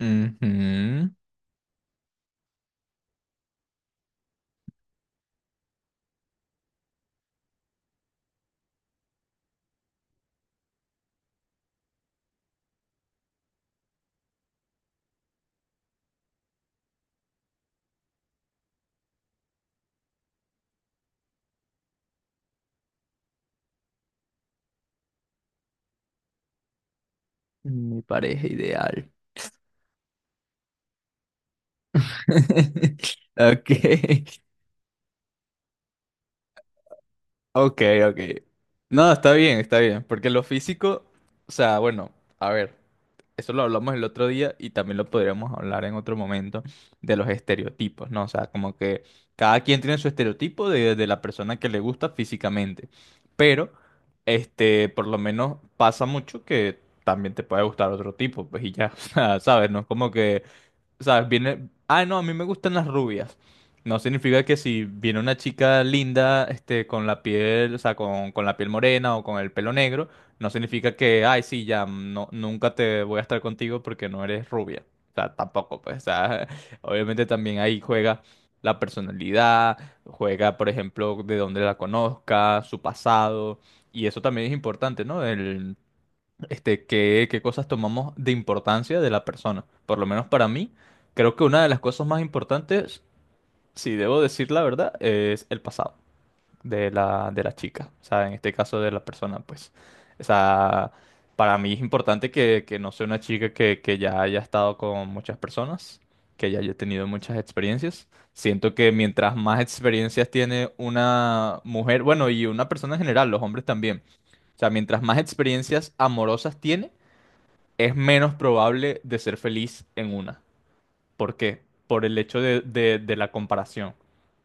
Ujú. Mi pareja ideal. Ok, ok, ok. No, está bien, está bien. Porque lo físico, o sea, bueno, a ver, eso lo hablamos el otro día y también lo podríamos hablar en otro momento de los estereotipos, ¿no? O sea, como que cada quien tiene su estereotipo de la persona que le gusta físicamente. Pero, por lo menos pasa mucho que también te puede gustar otro tipo, pues y ya, o sea, ¿sabes? No es como que ¿sabes? Viene. Ah, no, a mí me gustan las rubias. No significa que si viene una chica linda, con la piel, o sea, con la piel morena o con el pelo negro, no significa que, ay, sí, ya, no, nunca te voy a estar contigo porque no eres rubia. O sea, tampoco, pues, o sea, obviamente también ahí juega la personalidad, juega, por ejemplo, de dónde la conozca, su pasado, y eso también es importante, ¿no? Qué cosas tomamos de importancia de la persona. Por lo menos para mí, creo que una de las cosas más importantes, si debo decir la verdad, es el pasado de la chica. O sea, en este caso de la persona, pues. O sea, para mí es importante que no sea una chica que ya haya estado con muchas personas, que ya haya tenido muchas experiencias. Siento que mientras más experiencias tiene una mujer, bueno, y una persona en general, los hombres también. O sea, mientras más experiencias amorosas tiene, es menos probable de ser feliz en una. ¿Por qué? Por el hecho de la comparación.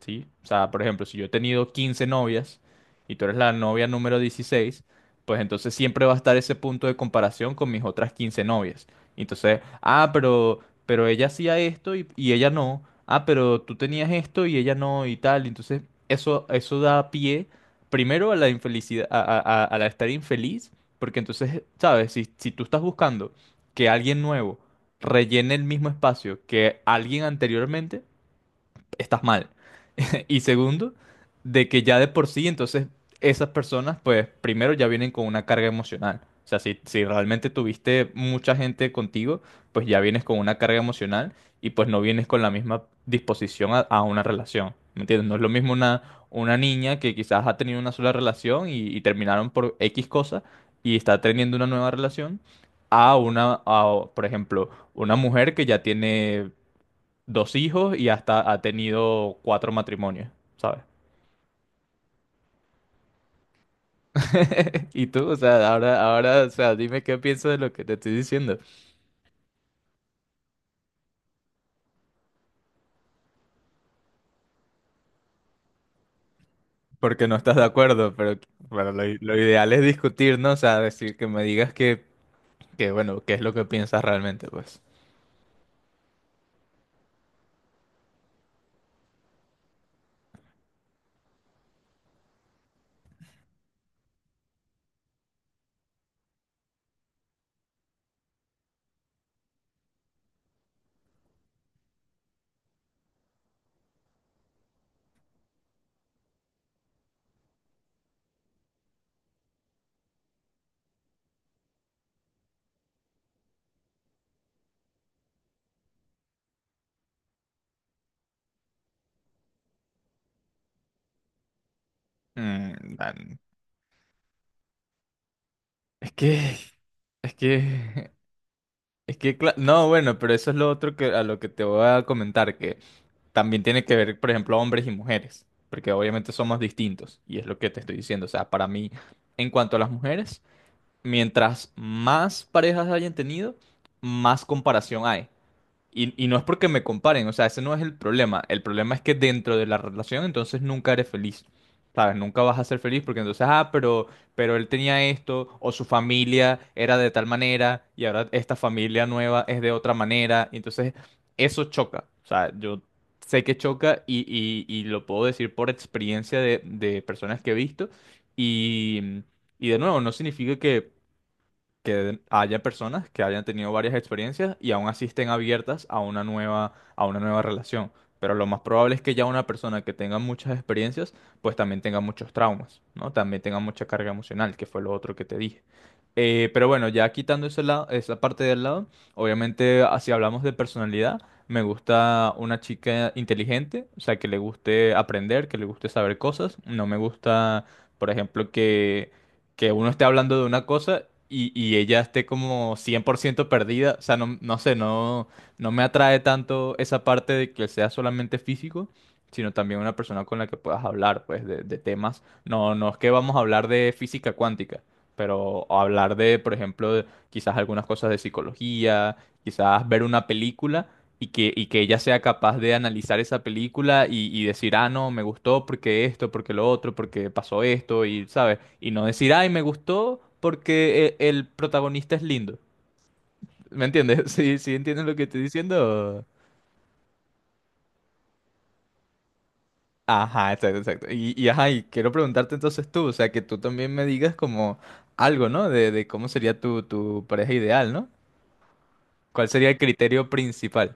¿Sí? O sea, por ejemplo, si yo he tenido 15 novias y tú eres la novia número 16, pues entonces siempre va a estar ese punto de comparación con mis otras 15 novias. Entonces, ah, pero ella hacía esto y ella no. Ah, pero tú tenías esto y ella no y tal. Entonces, eso da pie primero a la infelicidad, a la estar infeliz, porque entonces, ¿sabes? Si tú estás buscando que alguien nuevo rellene el mismo espacio que alguien anteriormente, estás mal. Y segundo, de que ya de por sí, entonces esas personas, pues primero ya vienen con una carga emocional. O sea, si realmente tuviste mucha gente contigo, pues ya vienes con una carga emocional y pues no vienes con la misma disposición a una relación. ¿Me entiendes? No es lo mismo una niña que quizás ha tenido una sola relación y terminaron por X cosa y está teniendo una nueva relación a una, a, por ejemplo, una mujer que ya tiene 2 hijos y hasta ha tenido 4 matrimonios, ¿sabes? Y tú, o sea, ahora, ahora, o sea, dime qué piensas de lo que te estoy diciendo, porque no estás de acuerdo, pero bueno, lo ideal es discutir, ¿no? O sea, decir que me digas que bueno, qué es lo que piensas realmente, pues. Mm, man, Es que, es que, es que, no, bueno, pero eso es lo otro que a lo que te voy a comentar, también tiene que ver, por ejemplo, hombres y mujeres, porque obviamente somos distintos, y es lo que te estoy diciendo. O sea, para mí, en cuanto a las mujeres, mientras más parejas hayan tenido, más comparación hay. Y no es porque me comparen, o sea, ese no es el problema. El problema es que dentro de la relación entonces nunca eres feliz. ¿Sabes? Nunca vas a ser feliz porque entonces, ah, pero él tenía esto, o su familia era de tal manera, y ahora esta familia nueva es de otra manera. Y entonces, eso choca. O sea, yo sé que choca y lo puedo decir por experiencia de personas que he visto. Y, y de nuevo, no significa que haya personas que hayan tenido varias experiencias y aún así estén abiertas a una nueva relación. Pero lo más probable es que ya una persona que tenga muchas experiencias, pues también tenga muchos traumas, ¿no? También tenga mucha carga emocional, que fue lo otro que te dije. Pero bueno, ya quitando ese lado, esa parte del lado, obviamente, ah, si hablamos de personalidad, me gusta una chica inteligente, o sea, que le guste aprender, que le guste saber cosas. No me gusta, por ejemplo, que uno esté hablando de una cosa y ella esté como 100% perdida. O sea, no, no sé, no, no me atrae tanto esa parte de que sea solamente físico, sino también una persona con la que puedas hablar, pues, de temas. No, no es que vamos a hablar de física cuántica, pero hablar de, por ejemplo, de quizás algunas cosas de psicología, quizás ver una película y que ella sea capaz de analizar esa película y decir, ah, no, me gustó porque esto, porque lo otro, porque pasó esto, y, ¿sabes? Y no decir, ay, me gustó porque el protagonista es lindo. ¿Me entiendes? Sí, sí, ¿entiendes lo que estoy diciendo? Ajá, exacto, exacto. Y, ajá, y quiero preguntarte entonces tú, o sea, que tú también me digas como algo, ¿no? De cómo sería tu pareja ideal, ¿no? ¿Cuál sería el criterio principal?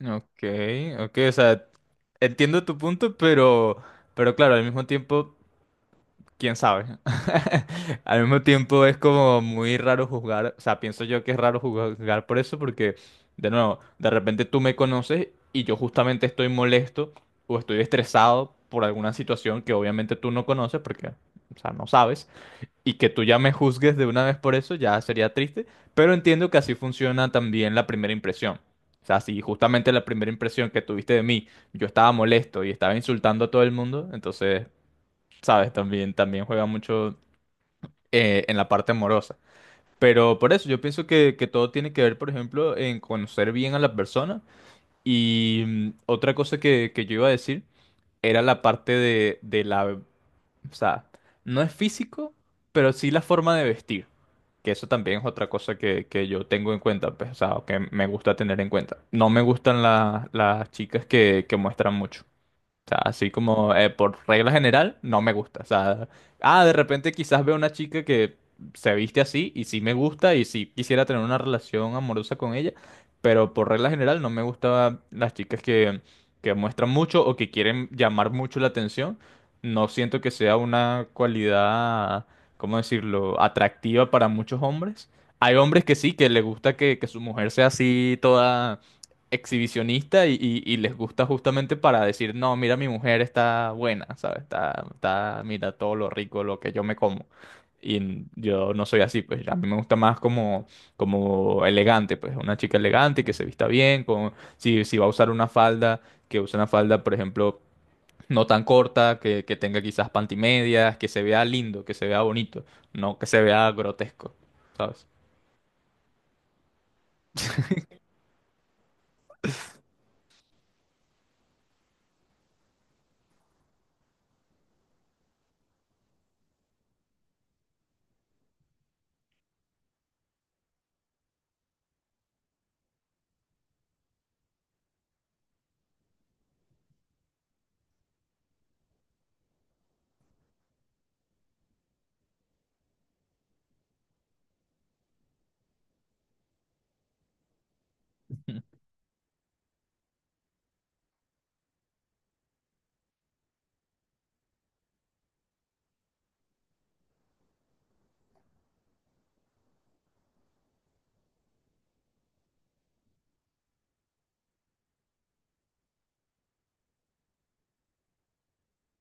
Ok, ok, o sea, entiendo tu punto, pero claro, al mismo tiempo, quién sabe. Al mismo tiempo es como muy raro juzgar, o sea, pienso yo que es raro juzgar por eso, porque, de nuevo, de repente tú me conoces y yo justamente estoy molesto o estoy estresado por alguna situación que obviamente tú no conoces, porque, o sea, no sabes y que tú ya me juzgues de una vez por eso ya sería triste, pero entiendo que así funciona también la primera impresión. O sea, si justamente la primera impresión que tuviste de mí, yo estaba molesto y estaba insultando a todo el mundo, entonces, sabes, también, también juega mucho en la parte amorosa. Pero por eso yo pienso que todo tiene que ver, por ejemplo, en conocer bien a la persona. Y otra cosa que yo iba a decir era la parte de la o sea, no es físico, pero sí la forma de vestir. Que eso también es otra cosa que yo tengo en cuenta, pues, o sea, o que me gusta tener en cuenta. No me gustan las chicas que muestran mucho. O sea, así como por regla general, no me gusta. O sea, ah, de repente quizás veo una chica que se viste así y sí me gusta y sí quisiera tener una relación amorosa con ella, pero por regla general no me gustan las chicas que muestran mucho o que quieren llamar mucho la atención. No siento que sea una cualidad, ¿cómo decirlo?, atractiva para muchos hombres. Hay hombres que sí, que les gusta que su mujer sea así, toda exhibicionista y les gusta justamente para decir, no, mira, mi mujer está buena, ¿sabes? Está, está, mira todo lo rico, lo que yo me como. Y yo no soy así, pues a mí me gusta más como, como elegante, pues una chica elegante que se vista bien, con, si va a usar una falda, que use una falda, por ejemplo, no tan corta, que tenga quizás pantimedias, que se vea lindo, que se vea bonito, no que se vea grotesco, ¿sabes?